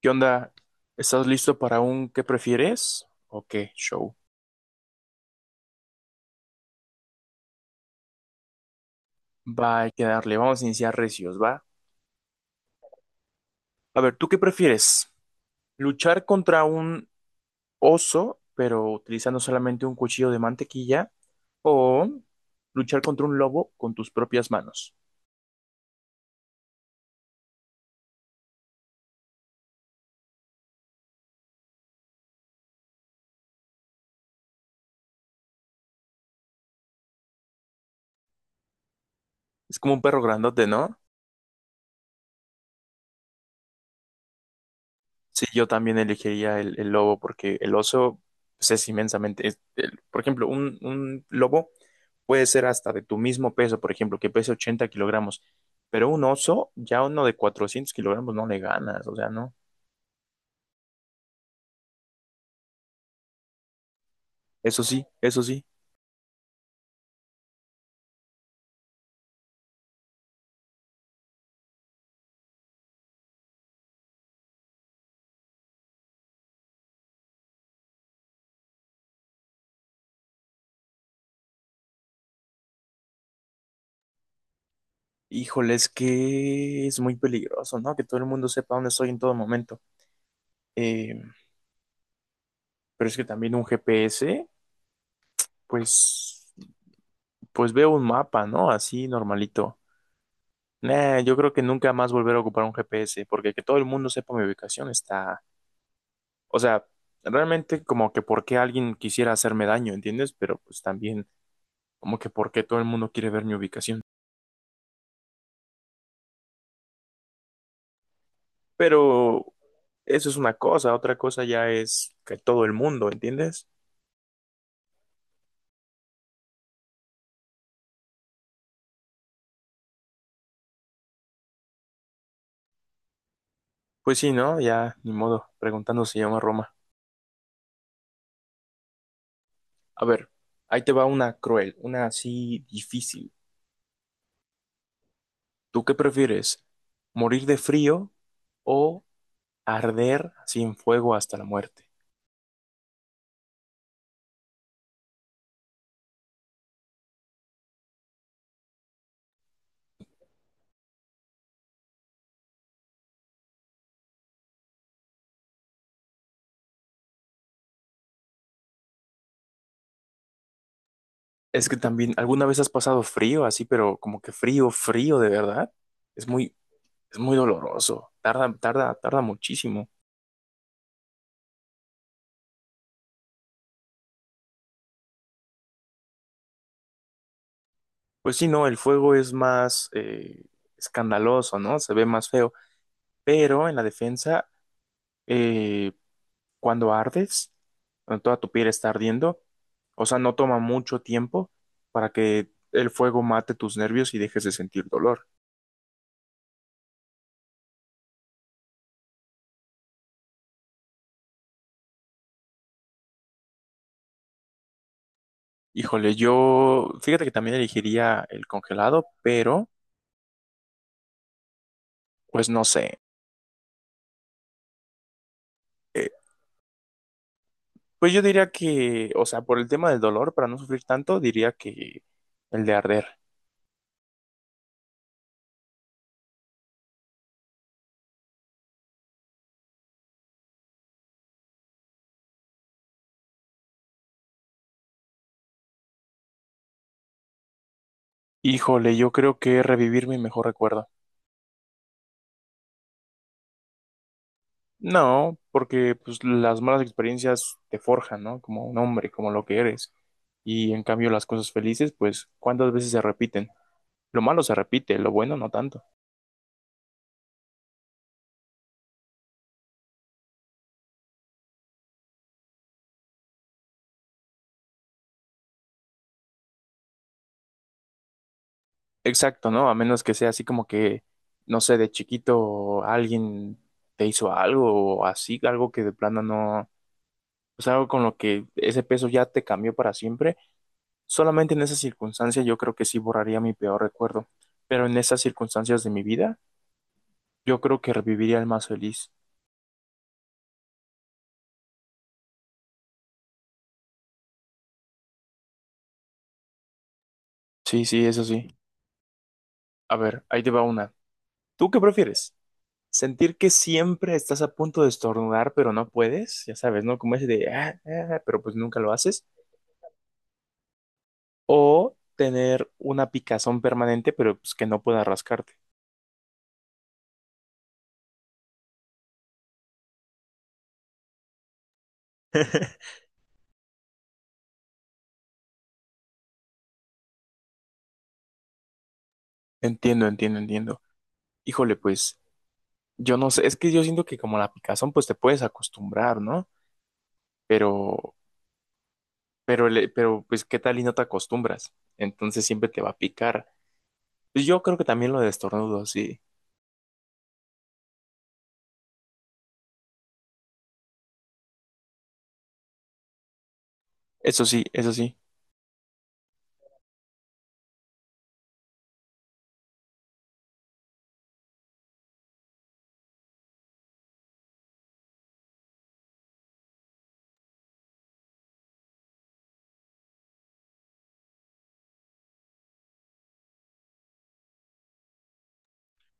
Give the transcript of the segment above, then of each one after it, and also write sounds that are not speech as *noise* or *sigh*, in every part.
¿Qué onda? ¿Estás listo para un qué prefieres? ¿O qué show? Va, hay que darle. Vamos a iniciar recios, ¿va? A ver, ¿tú qué prefieres? ¿Luchar contra un oso, pero utilizando solamente un cuchillo de mantequilla? ¿O luchar contra un lobo con tus propias manos? Es como un perro grandote, ¿no? Sí, yo también elegiría el lobo porque el oso, pues, es inmensamente, por ejemplo, un lobo puede ser hasta de tu mismo peso, por ejemplo, que pese 80 kilogramos, pero un oso, ya uno de 400 kilogramos no le ganas, o sea, no, eso sí, eso sí. Híjole, es que es muy peligroso, ¿no? Que todo el mundo sepa dónde estoy en todo momento. Eh, pero es que también un GPS, pues, pues veo un mapa, ¿no? Así normalito. Nah, yo creo que nunca más volver a ocupar un GPS, porque que todo el mundo sepa mi ubicación está, o sea, realmente como que por qué alguien quisiera hacerme daño, ¿entiendes? Pero pues también como que por qué todo el mundo quiere ver mi ubicación. Pero eso es una cosa, otra cosa ya es que todo el mundo, ¿entiendes? Pues sí, ¿no? Ya, ni modo, preguntando si llama Roma. A ver, ahí te va una cruel, una así difícil. ¿Tú qué prefieres? ¿Morir de frío o arder sin fuego hasta la muerte? Es que también, ¿alguna vez has pasado frío así, pero como que frío, frío de verdad? Es muy, es muy doloroso. Tarda, tarda, tarda muchísimo. Pues sí, no, el fuego es más escandaloso, ¿no? Se ve más feo. Pero en la defensa, eh, cuando ardes, cuando toda tu piel está ardiendo, o sea, no toma mucho tiempo para que el fuego mate tus nervios y dejes de sentir dolor. Híjole, yo, fíjate que también elegiría el congelado, pero pues no sé. Pues yo diría que, o sea, por el tema del dolor, para no sufrir tanto, diría que el de arder. Híjole, yo creo que revivir mi mejor recuerdo. No, porque pues las malas experiencias te forjan, ¿no? Como un hombre, como lo que eres. Y en cambio las cosas felices, pues, ¿cuántas veces se repiten? Lo malo se repite, lo bueno no tanto. Exacto, ¿no? A menos que sea así como que, no sé, de chiquito alguien te hizo algo o así, algo que de plano no, pues algo con lo que ese peso ya te cambió para siempre. Solamente en esa circunstancia yo creo que sí borraría mi peor recuerdo, pero en esas circunstancias de mi vida, yo creo que reviviría el más feliz. Sí, sí, eso sí. A ver, ahí te va una. ¿Tú qué prefieres? ¿Sentir que siempre estás a punto de estornudar, pero no puedes? Ya sabes, ¿no? Como ese de, "Ah, ah", pero pues nunca lo haces. ¿O tener una picazón permanente, pero pues que no puedas rascarte? Entiendo, entiendo, entiendo. Híjole, pues yo no sé, es que yo siento que como la picazón, pues te puedes acostumbrar, ¿no? Pero Pero, pero pues, ¿qué tal y no te acostumbras? Entonces siempre te va a picar. Pues yo creo que también lo de estornudo, sí. Eso sí, eso sí.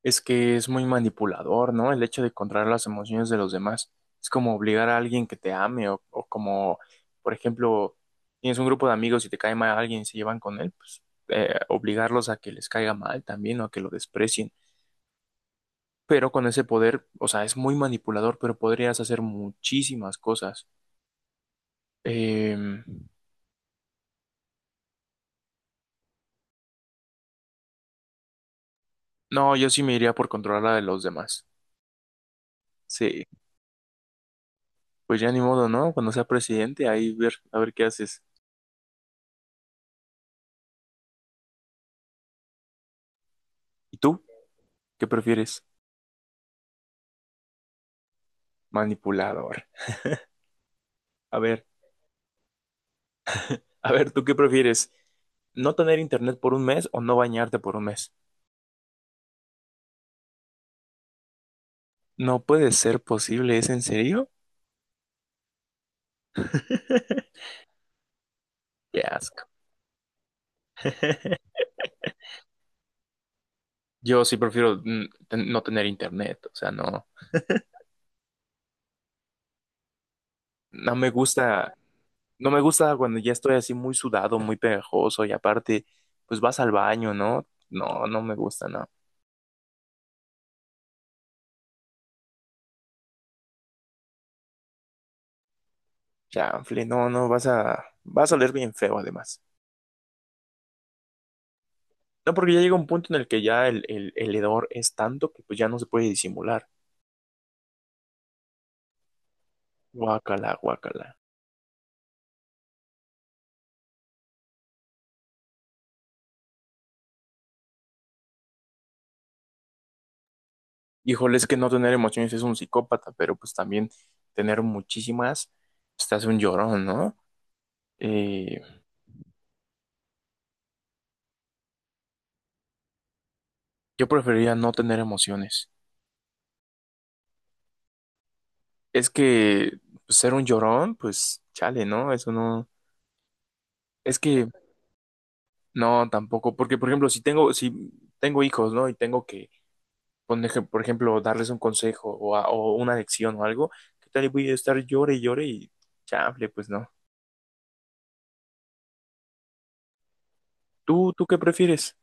Es que es muy manipulador, ¿no? El hecho de controlar las emociones de los demás. Es como obligar a alguien que te ame o como, por ejemplo, tienes un grupo de amigos y te cae mal alguien y se llevan con él, pues obligarlos a que les caiga mal también o a que lo desprecien. Pero con ese poder, o sea, es muy manipulador, pero podrías hacer muchísimas cosas. Em, No, yo sí me iría por controlar a los demás. Sí, pues ya ni modo, ¿no? Cuando sea presidente, ahí ver, a ver qué haces. ¿Y tú? ¿Qué prefieres? Manipulador. A ver, a ver, ¿tú qué prefieres? ¿No tener internet por un mes o no bañarte por un mes? No puede ser posible, ¿es en serio? *laughs* Qué asco. Yo sí prefiero no tener internet, o sea, no, no me gusta, no me gusta cuando ya estoy así muy sudado, muy pegajoso y aparte, pues vas al baño, ¿no? No, no me gusta, no. Chanfle, no, no, vas a oler bien feo además. No, porque ya llega un punto en el que ya el hedor es tanto que pues ya no se puede disimular. Guácala, guácala. Híjole, es que no tener emociones es un psicópata, pero pues también tener muchísimas, pues te hace un llorón, ¿no? Eh, yo preferiría no tener emociones. Es que pues, ser un llorón, pues chale, ¿no? Eso no. Es que no, tampoco, porque por ejemplo, si tengo hijos, ¿no? Y tengo que por ejemplo, darles un consejo o una lección o algo, ¿qué tal? Y voy a estar llore y llore y chable, pues no. ¿Tú qué prefieres?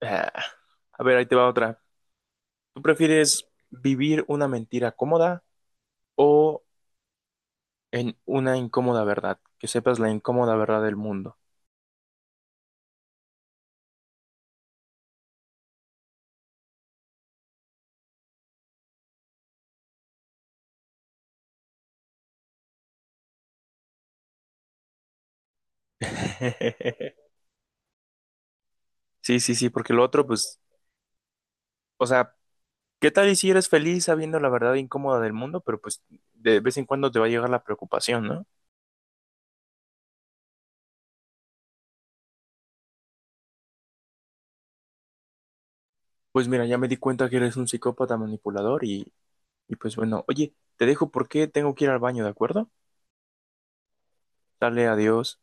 Ah, a ver, ahí te va otra. ¿Tú prefieres vivir una mentira cómoda o en una incómoda verdad? Que sepas la incómoda verdad del mundo. *laughs* Sí, porque lo otro, pues, o sea, ¿qué tal y si eres feliz sabiendo la verdad incómoda del mundo? Pero pues de vez en cuando te va a llegar la preocupación, ¿no? Pues mira, ya me di cuenta que eres un psicópata manipulador y pues bueno, oye, te dejo porque tengo que ir al baño, ¿de acuerdo? Dale, adiós.